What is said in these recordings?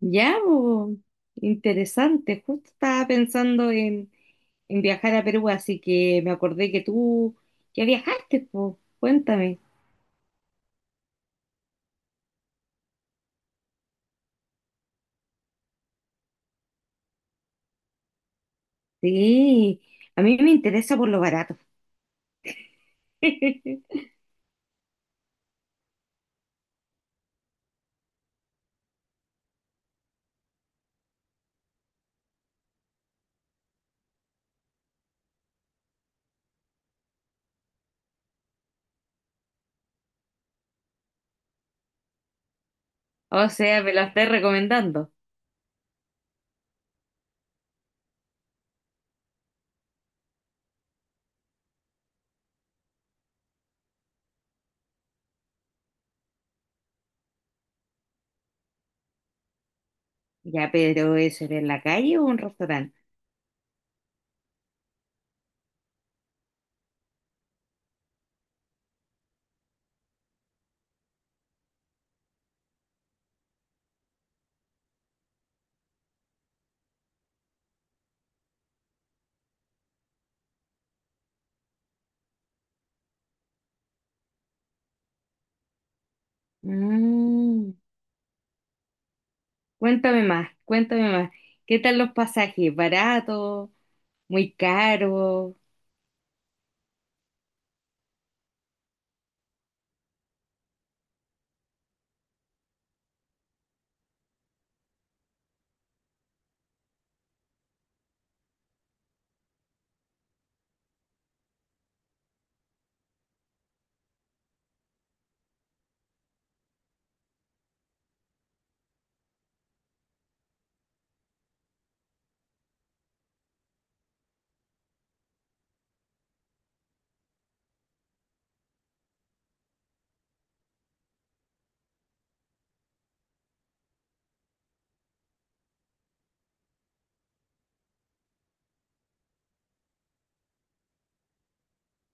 Ya, bo, interesante. Justo estaba pensando en viajar a Perú, así que me acordé que tú ya viajaste, pues. Cuéntame. Sí, a mí me interesa por lo barato. O sea, me lo estás recomendando. Ya, pero ¿eso era en la calle o un restaurante? Mm, cuéntame más, cuéntame más. ¿Qué tal los pasajes? ¿Barato? ¿Muy caro?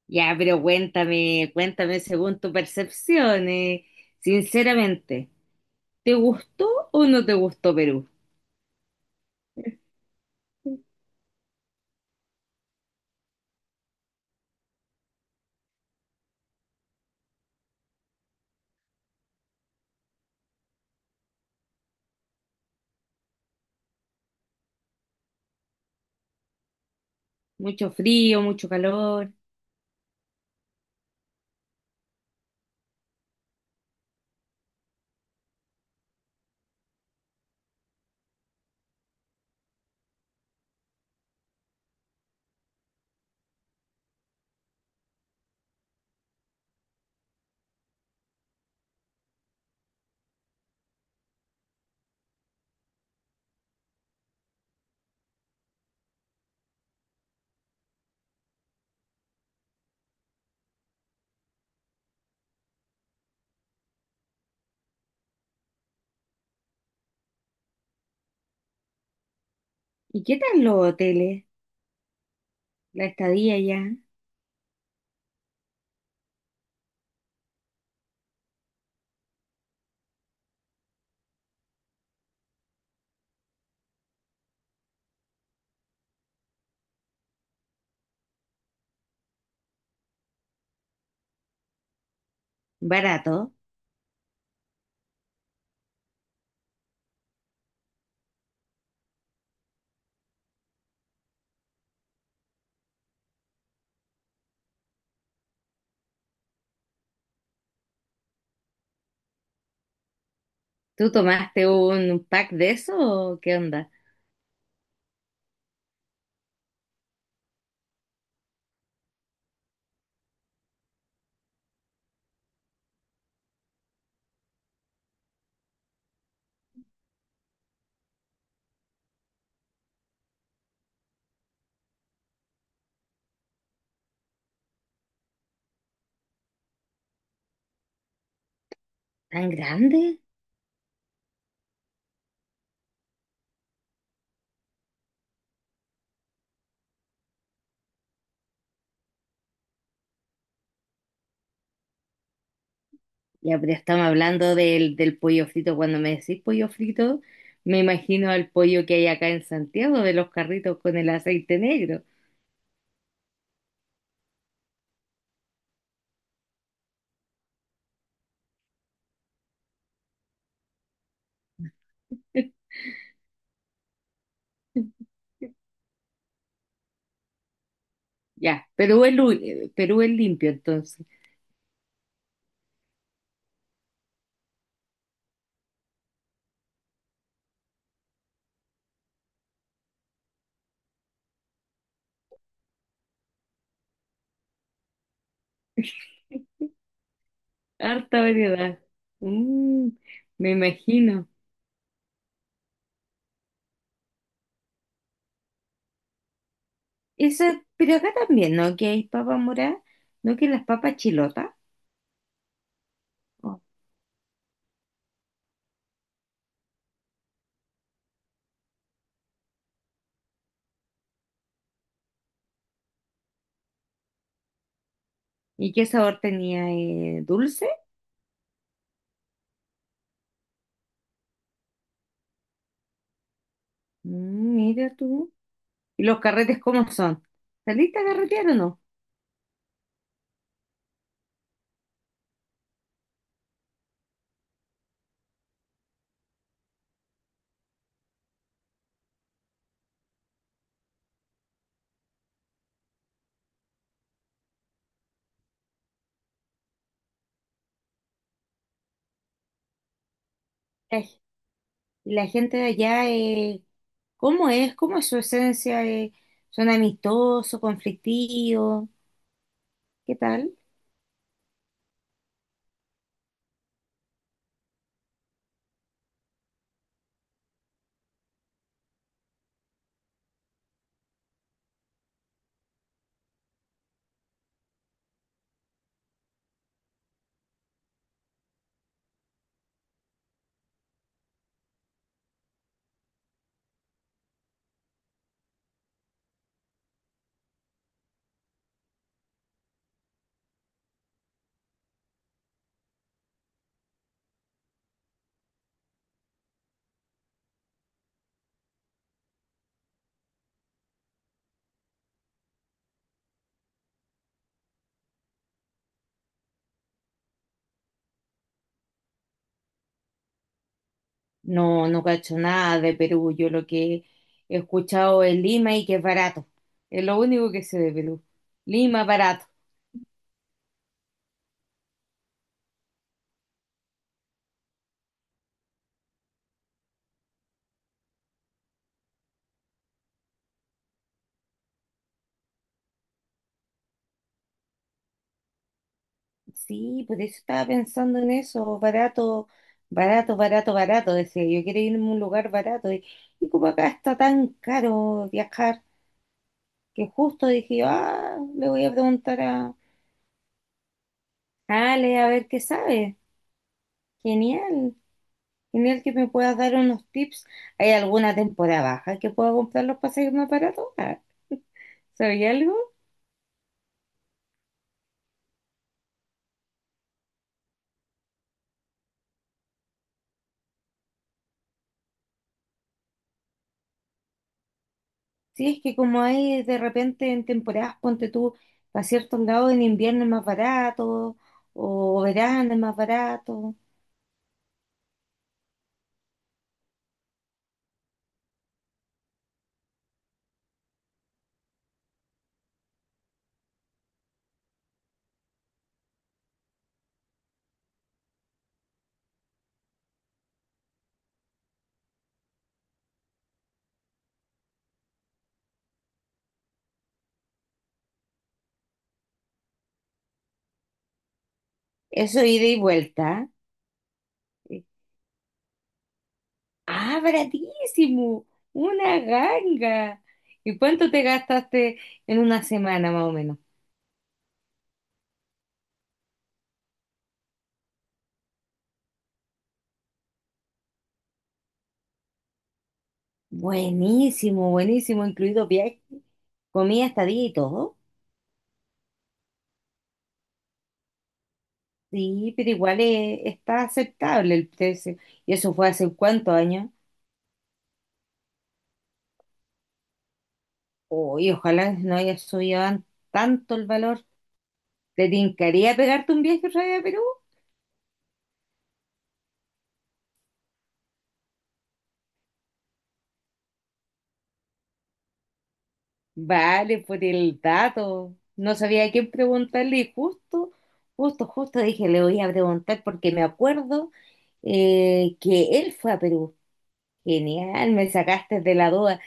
Ya, pero cuéntame, cuéntame según tu percepción, sinceramente, ¿te gustó o no te gustó Perú? ¿Mucho frío, mucho calor? ¿Y qué tal los hoteles? La estadía, ya, barato. ¿Tú tomaste un pack de eso o qué onda? ¿Tan grande? Ya, pero estamos hablando del pollo frito. Cuando me decís pollo frito, me imagino al pollo que hay acá en Santiago, de los carritos con el aceite negro. Ya, Perú es, Perú es limpio entonces. Harta variedad. Mm, me imagino. Eso, pero acá también, ¿no? Que hay papa morada, ¿no? Que las papas chilotas. Oh. ¿Y qué sabor tenía? ¿Dulce? Mm, mira tú. ¿Y los carretes cómo son? ¿Saliste a carretear o no? Ay, ¿y la gente de allá, cómo es? ¿Cómo es su esencia, ¿Son amistosos, conflictivos? ¿Qué tal? No, no cacho nada de Perú. Yo lo que he escuchado es Lima y que es barato. Es lo único que sé de Perú. Lima, barato. Sí, por eso estaba pensando en eso. Barato, barato, barato, barato. Decía, yo quiero irme a un lugar barato. Y como acá está tan caro viajar, que justo dije, yo, ah, le voy a preguntar a Ale a ver qué sabe. Genial. Genial que me puedas dar unos tips. ¿Hay alguna temporada baja que pueda comprar los pasajes más baratos? Ah, ¿sabía algo? Sí, es que como hay de repente en temporadas, ponte tú, a ciertos lados en invierno es más barato, o verano es más barato. ¿Eso ida y vuelta? ¿Eh? ¡Ah, baratísimo! ¡Una ganga! ¿Y cuánto te gastaste en una semana más o menos? Buenísimo, buenísimo, incluido viaje, comida, estadía y todo. Sí, pero igual está aceptable el precio. ¿Y eso fue hace cuántos años? Uy, ojalá no haya subido tanto el valor. ¿Te tincaría pegarte un viaje otra vez a Perú? Vale, por el dato. No sabía a quién preguntarle y justo dije, le voy a preguntar porque me acuerdo, que él fue a Perú. Genial, me sacaste de la duda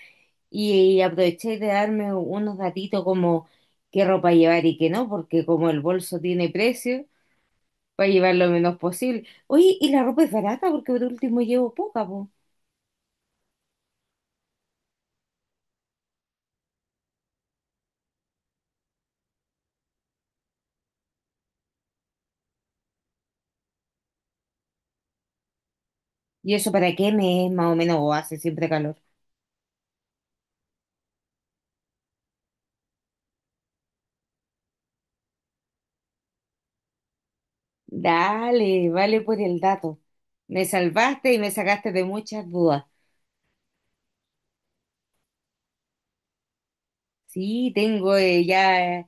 y aproveché de darme unos datitos como qué ropa llevar y qué no, porque como el bolso tiene precio, para llevar lo menos posible. Oye, y la ropa es barata porque por último llevo poca, po. ¿Y eso para qué me es más o menos o hace siempre calor? Dale, vale por el dato. Me salvaste y me sacaste de muchas dudas. Sí, tengo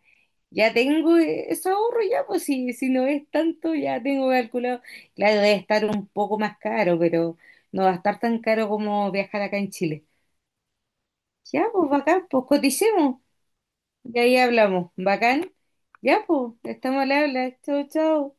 ya tengo, eso ahorro ya, pues si, si no es tanto, ya tengo calculado. Claro, debe estar un poco más caro, pero no va a estar tan caro como viajar acá en Chile. Ya, pues bacán, pues coticemos. Y ahí hablamos. Bacán. Ya, pues, estamos al habla. Chau, chau.